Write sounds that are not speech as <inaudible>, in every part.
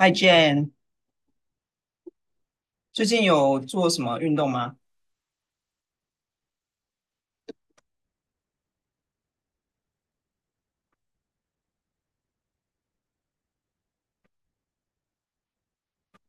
Hi Jane，最近有做什么运动吗？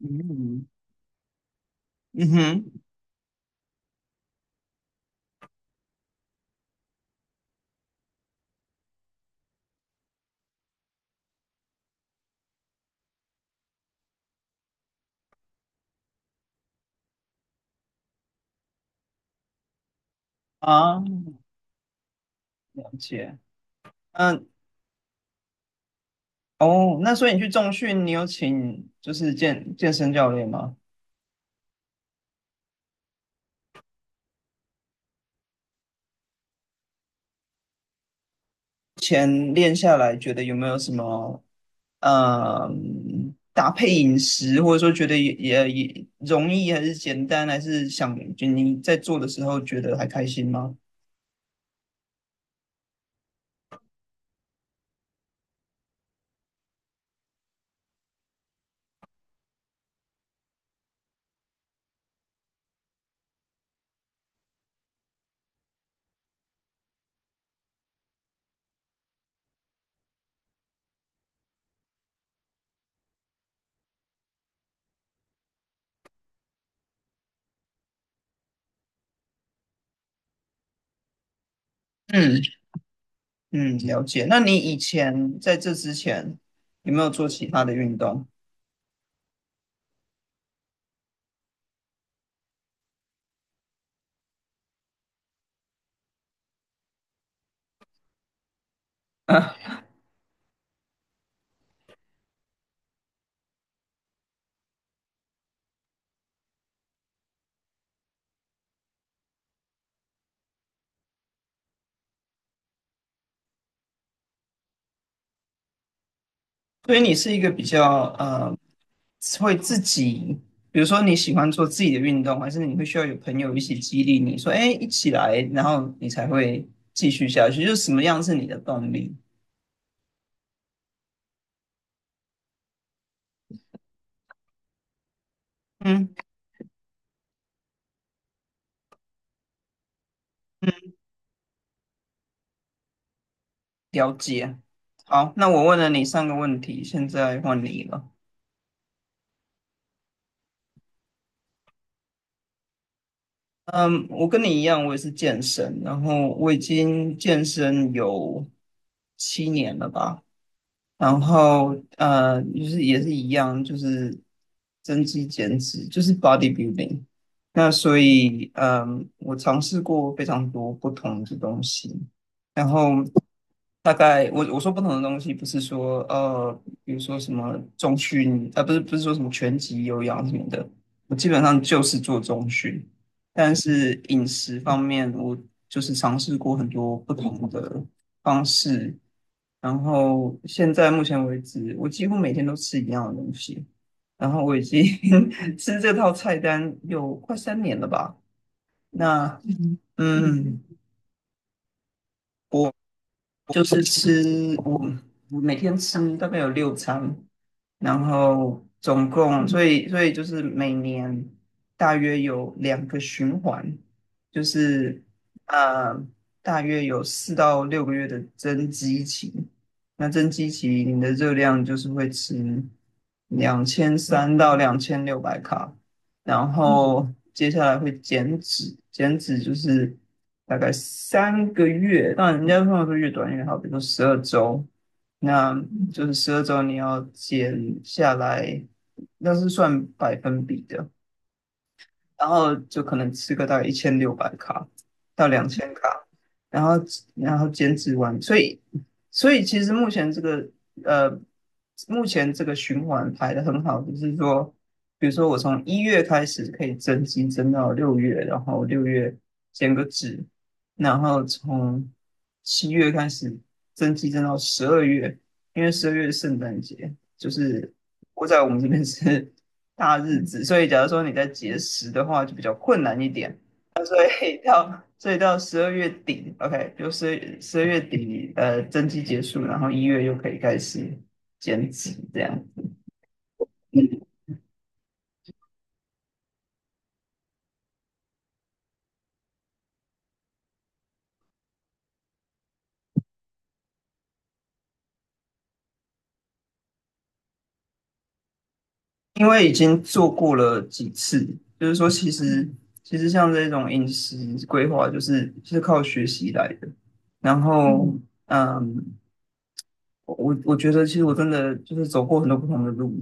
嗯嗯哼。啊，了解。嗯。哦，那所以你去重训，你有请就是健身教练吗？前练下来，觉得有没有什么搭配饮食，或者说觉得也容易还是简单，还是想就你在做的时候觉得还开心吗？嗯嗯，了解。那你以前在这之前有没有做其他的运动？所以你是一个比较会自己，比如说你喜欢做自己的运动，还是你会需要有朋友一起激励你说，哎，一起来，然后你才会继续下去。就是什么样是你的动力？嗯嗯，了解。好，那我问了你3个问题，现在换你了。嗯，我跟你一样，我也是健身，然后我已经健身有7年了吧。然后就是也是一样，就是增肌减脂，就是 bodybuilding。那所以，我尝试过非常多不同的东西，然后大概我说不同的东西，不是说比如说什么中训，啊，不是说什么拳击、有氧什么的，我基本上就是做中训，但是饮食方面，我就是尝试过很多不同的方式。然后现在目前为止，我几乎每天都吃一样的东西。然后我已经 <laughs> 吃这套菜单有快三年了吧？那嗯，就是吃我每天吃大概有6餐，然后总共所以就是每年大约有2个循环，就是呃大约有4到6个月的增肌期。那增肌期你的热量就是会吃2300到2600卡，然后接下来会减脂，减脂就是大概3个月，那人家通常说越短越好，比如说十二周，那就是十二周你要减下来，那是算百分比的，然后就可能吃个大概1600卡到2000卡，然后减脂完，所以其实目前这个呃，目前这个循环排的很好，就是说，比如说我从一月开始可以增肌增到六月，然后六月减个脂，然后从7月开始增肌增到十二月，因为十二月是圣诞节，就是我在我们这边是大日子，所以假如说你在节食的话，就比较困难一点。所所以到十二月底，OK，就十二月底，增肌结束，然后一月又可以开始减脂这样。嗯，因为已经做过了几次，就是说其实像这种饮食规划，就是靠学习来的。然后，嗯，我觉得，其实我真的就是走过很多不同的路，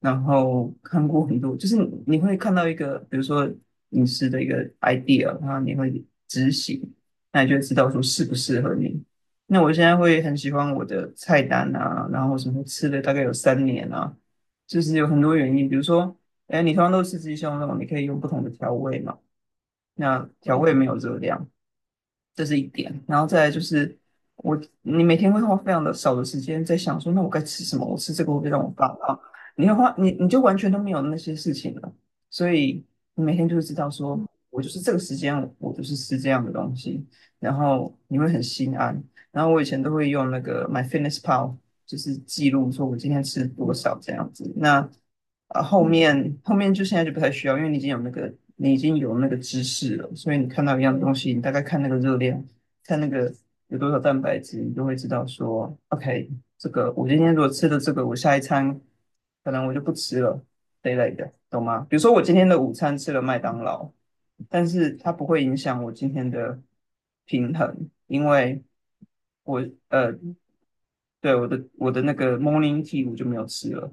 然后看过很多，就是你会看到一个，比如说饮食的一个 idea，然后你会执行，那你就会知道说适不适合你。那我现在会很喜欢我的菜单啊，然后什么吃了大概有三年啊，就是有很多原因，比如说，哎，你通常都吃鸡胸肉，你可以用不同的调味嘛，那调味没有热量。这是一点。然后再来就是你每天会花非常的少的时间在想说，那我该吃什么？我吃这个会不会让我发胖？你会花你你就完全都没有那些事情了，所以你每天就会知道说，我就是这个时间我就是吃这样的东西，然后你会很心安。然后我以前都会用那个 MyFitnessPal，就是记录说我今天吃多少这样子。那啊，后面就现在就不太需要，因为你已经有那个知识了，所以你看到一样东西，你大概看那个热量，看那个有多少蛋白质，你就会知道说，OK，这个我今天如果吃了这个，我下一餐可能我就不吃了这一类的，懂吗？比如说我今天的午餐吃了麦当劳，但是它不会影响我今天的平衡，因为我呃，对我的那个 morning tea 我就没有吃了，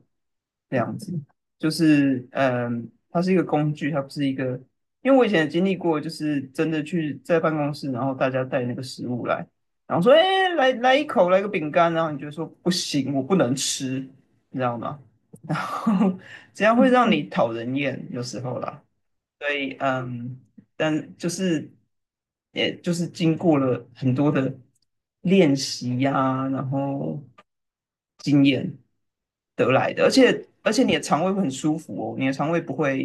这样子。就是它是一个工具，它不是一个。因为我以前也经历过，就是真的去在办公室，然后大家带那个食物来，然后说：“哎，来来一口，来个饼干。”然后你就说：“不行，我不能吃，你知道吗？”然后 <laughs> 这样会让你讨人厌，有时候啦。所以但就是也就是经过了很多的练习呀、然后经验得来的，而且你的肠胃会很舒服哦，你的肠胃不会，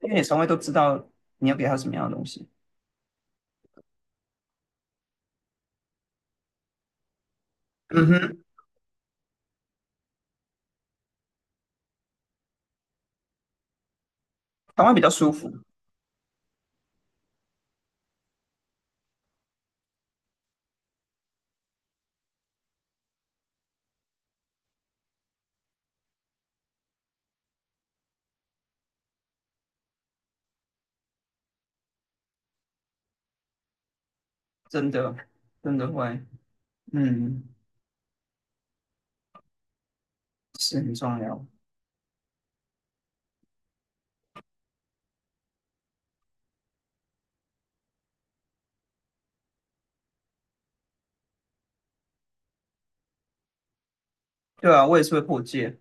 因为你的肠胃都知道你要给它什么样的东西。嗯哼，肠胃比较舒服，真的真的会，嗯，是很重要。对啊，我也是会破戒。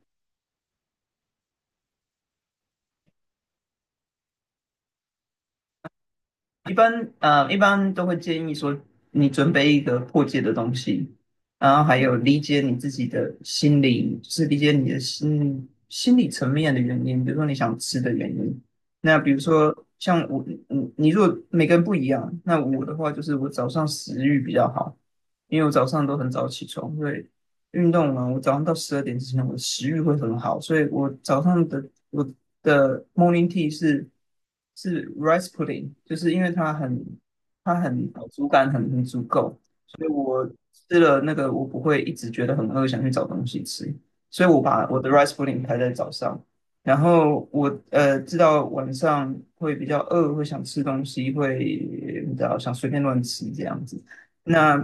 一般一般都会建议说，你准备一个破解的东西，然后还有理解你自己的心理，就是理解你的心理层面的原因，比如说你想吃的原因。那比如说像我，你如果每个人不一样，那我的话就是我早上食欲比较好，因为我早上都很早起床，所以运动完，我早上到12点之前，我的食欲会很好，所以我的 morning tea 是 rice pudding，就是因为它很饱足感很足够，吃了那个我不会一直觉得很饿，想去找东西吃，所以我把我的 rice pudding 排在早上，然后我知道晚上会比较饿，会想吃东西，会你知道想随便乱吃这样子。那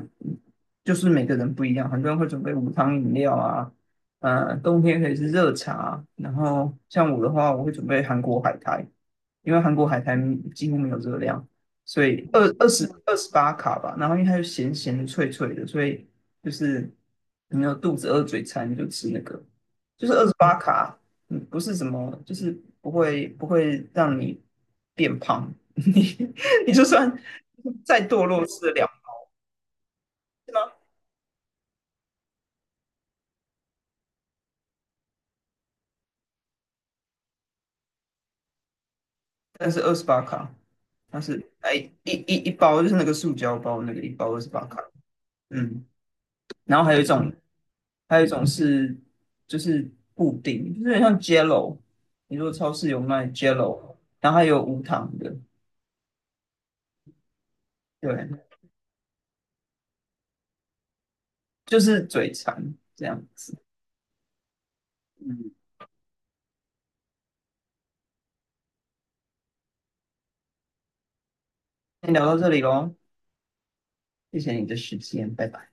就是每个人不一样，很多人会准备无糖饮料啊，冬天可以是热茶，然后像我的话，我会准备韩国海苔，因为韩国海苔几乎没有热量。所以二十八卡吧，然后因为它就咸咸的、脆脆的，所以就是你有肚子饿、嘴馋，你就吃那个，就是二十八卡，不是什么，就是不会让你变胖，<laughs> 你就算再堕落吃得了。是吗？但是二十八卡，它是哎一包，就是那个塑胶包，那个一包二十八卡。嗯，然后还有一种，还有一种是就是布丁，就是有点像 Jello。你如果超市有卖 Jello，然后还有无糖的，对，就是嘴馋这样子。嗯，先聊到这里喽，谢谢你的时间，拜拜。